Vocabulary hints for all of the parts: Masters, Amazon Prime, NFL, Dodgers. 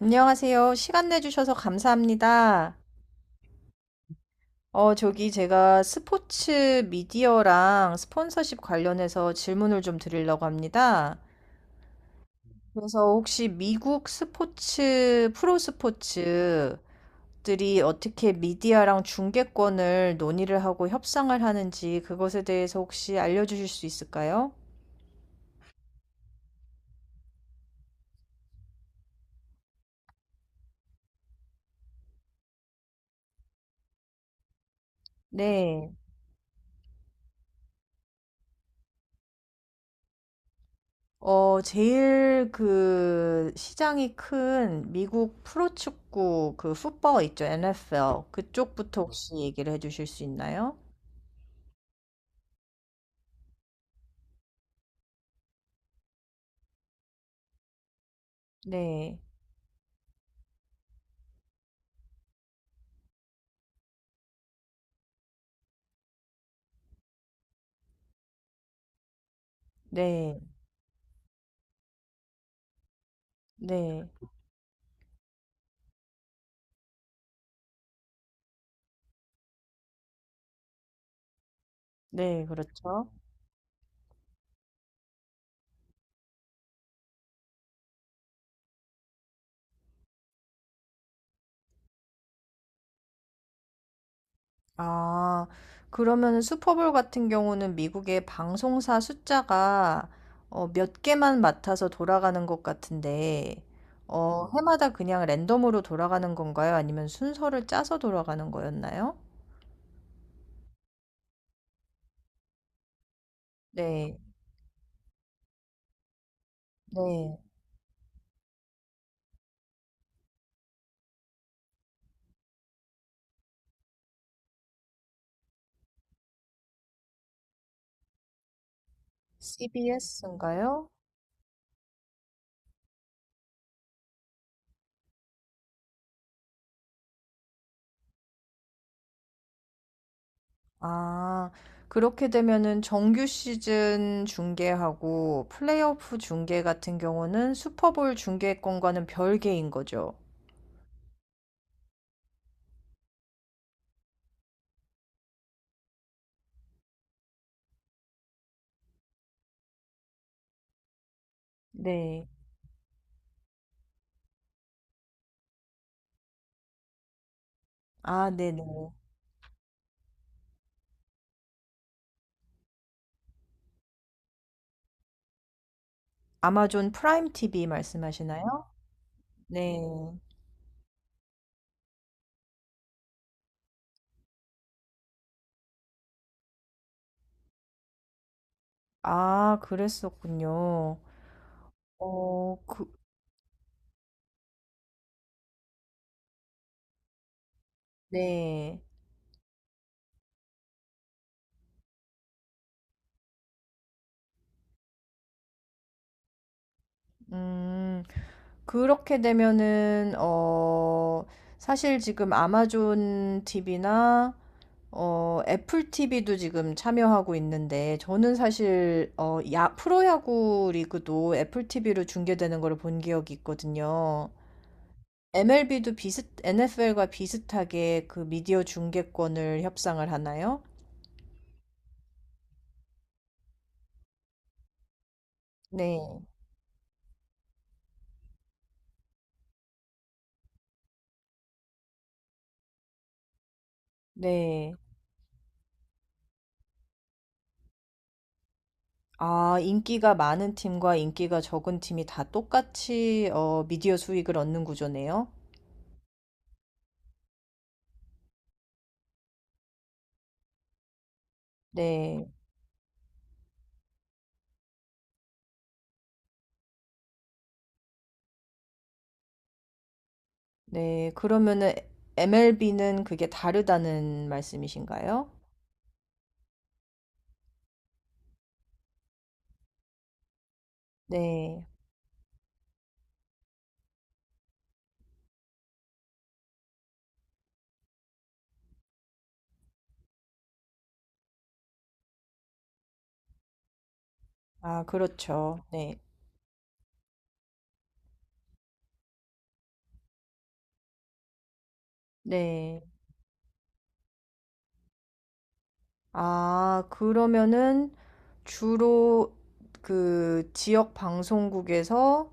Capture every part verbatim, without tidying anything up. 안녕하세요. 시간 내주셔서 감사합니다. 어, 저기 제가 스포츠 미디어랑 스폰서십 관련해서 질문을 좀 드리려고 합니다. 그래서 혹시 미국 스포츠, 프로 스포츠들이 어떻게 미디어랑 중계권을 논의를 하고 협상을 하는지 그것에 대해서 혹시 알려주실 수 있을까요? 네. 어, 제일 그 시장이 큰 미국 프로축구 그 풋볼 있죠, 엔에프엘. 그쪽부터 혹시 얘기를 해주실 수 있나요? 네, 네, 네, 네, 그렇죠. 아, 그러면 슈퍼볼 같은 경우는 미국의 방송사 숫자가 어, 몇 개만 맡아서 돌아가는 것 같은데, 어, 해마다 그냥 랜덤으로 돌아가는 건가요? 아니면 순서를 짜서 돌아가는 거였나요? 네, 네. 씨비에스인가요? 아, 그렇게 되면은 정규 시즌 중계하고 플레이오프 중계 같은 경우는 슈퍼볼 중계권과는 별개인 거죠. 네. 아, 네네. 아마존 프라임 티비 말씀하시나요? 네. 아, 그랬었군요. 어, 그, 네. 음, 그렇게 되면은, 어, 사실 지금 아마존 티비나 어, 애플 티비도 지금 참여하고 있는데, 저는 사실, 어, 야, 프로야구 리그도 애플 티비로 중계되는 걸 본 기억이 있거든요. 엠엘비도 비슷, 엔에프엘과 비슷하게 그 미디어 중계권을 협상을 하나요? 네, 네. 아, 인기가 많은 팀과 인기가 적은 팀이 다 똑같이, 어, 미디어 수익을 얻는 구조네요. 네, 네. 그러면은 엠엘비는 그게 다르다는 말씀이신가요? 네. 아, 그렇죠. 네. 네. 아, 그러면은 주로 그 지역 방송국에서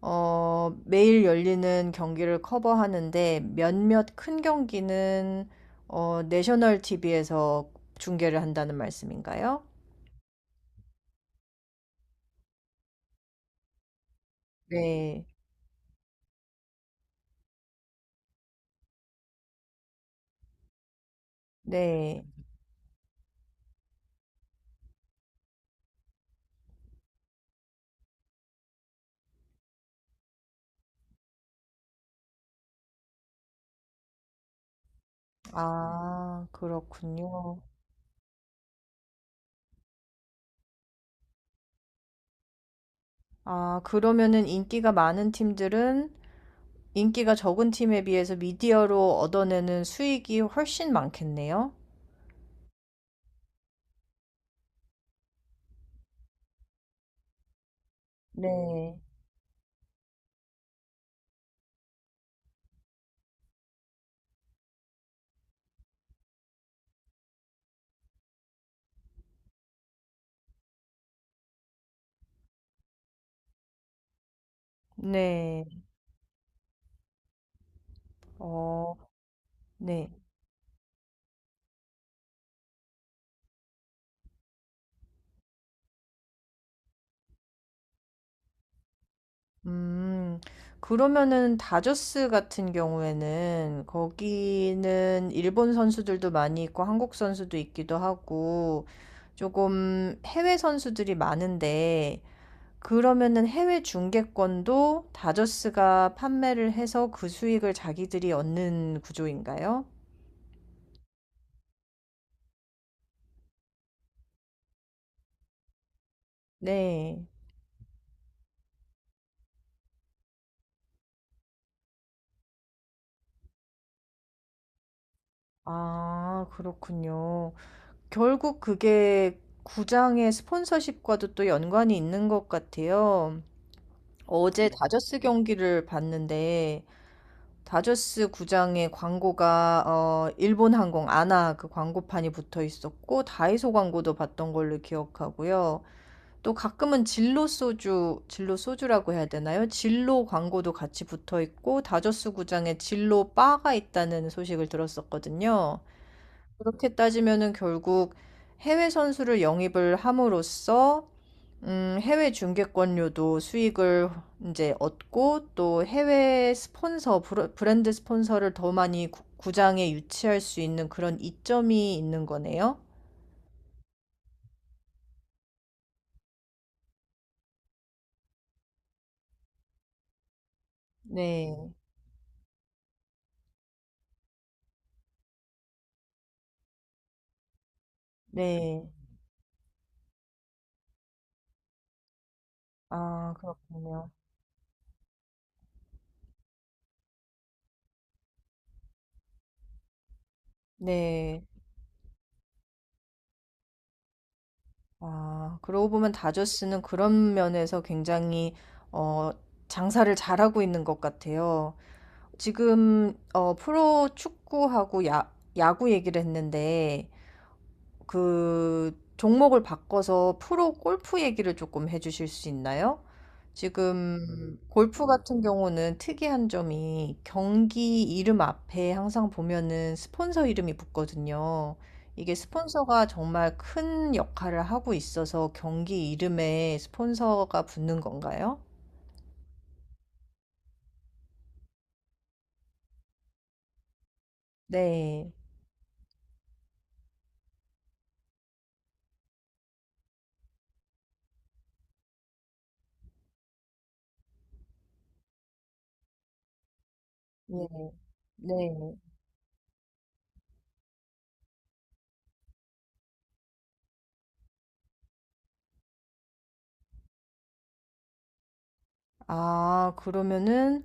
어, 매일 열리는 경기를 커버하는데 몇몇 큰 경기는 어, 내셔널 티비에서 중계를 한다는 말씀인가요? 네. 네. 아, 그렇군요. 아, 그러면은 인기가 많은 팀들은 인기가 적은 팀에 비해서 미디어로 얻어내는 수익이 훨씬 많겠네요. 네. 네. 어, 네. 음, 그러면은 다저스 같은 경우에는 거기는 일본 선수들도 많이 있고 한국 선수도 있기도 하고 조금 해외 선수들이 많은데 그러면은 해외 중계권도 다저스가 판매를 해서 그 수익을 자기들이 얻는 구조인가요? 네. 아 그렇군요. 결국 그게 구장의 스폰서십과도 또 연관이 있는 것 같아요. 어제 네. 다저스 경기를 봤는데 다저스 구장의 광고가 어 일본 항공 아나 그 광고판이 붙어 있었고 다이소 광고도 봤던 걸로 기억하고요. 또 가끔은 진로 소주, 진로 소주라고 해야 되나요? 진로 광고도 같이 붙어 있고 다저스 구장에 진로 바가 있다는 소식을 들었었거든요. 그렇게 따지면은 결국 해외 선수를 영입을 함으로써 음, 해외 중계권료도 수익을 이제 얻고 또 해외 스폰서, 브로- 브랜드 스폰서를 더 많이 구- 구장에 유치할 수 있는 그런 이점이 있는 거네요. 네, 네. 아, 그렇군요. 네. 아, 그러고 보면 다저스는 그런 면에서 굉장히 어, 장사를 잘하고 있는 것 같아요. 지금 어, 프로 축구하고 야, 야구 얘기를 했는데 그 종목을 바꿔서 프로 골프 얘기를 조금 해주실 수 있나요? 지금 골프 같은 경우는 특이한 점이 경기 이름 앞에 항상 보면은 스폰서 이름이 붙거든요. 이게 스폰서가 정말 큰 역할을 하고 있어서 경기 이름에 스폰서가 붙는 건가요? 네. 예. 네. 아, 그러면은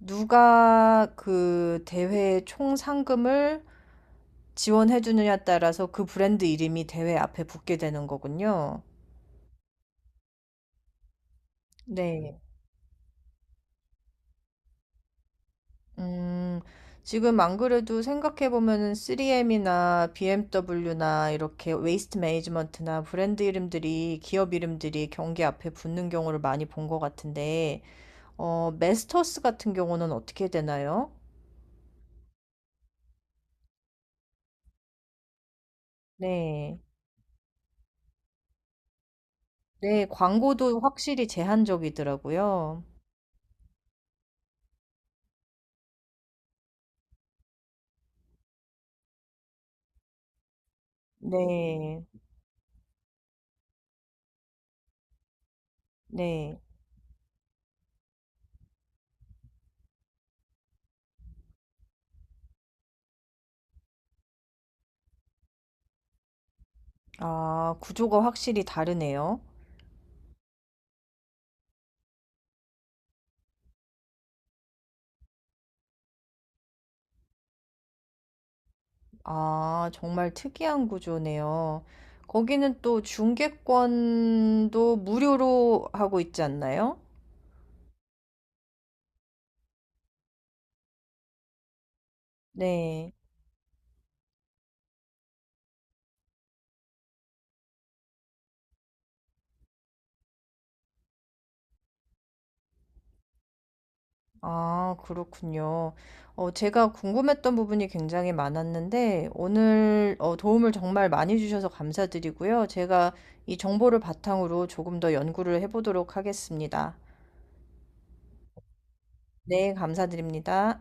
누가 그 대회 총 상금을 지원해 주느냐에 따라서 그 브랜드 이름이 대회 앞에 붙게 되는 거군요. 네. 음, 지금 안 그래도 생각해 보면은 쓰리엠이나 비엠더블유나 이렇게 웨이스트 매니지먼트나 브랜드 이름들이 기업 이름들이 경기 앞에 붙는 경우를 많이 본 것 같은데, 어, 메스터스 같은 경우는 어떻게 되나요? 네. 네, 광고도 확실히 제한적이더라고요. 네. 네. 아, 구조가 확실히 다르네요. 아, 정말 특이한 구조네요. 거기는 또 중계권도 무료로 하고 있지 않나요? 네. 아, 그렇군요. 어, 제가 궁금했던 부분이 굉장히 많았는데, 오늘 어, 도움을 정말 많이 주셔서 감사드리고요. 제가 이 정보를 바탕으로 조금 더 연구를 해보도록 하겠습니다. 네, 감사드립니다.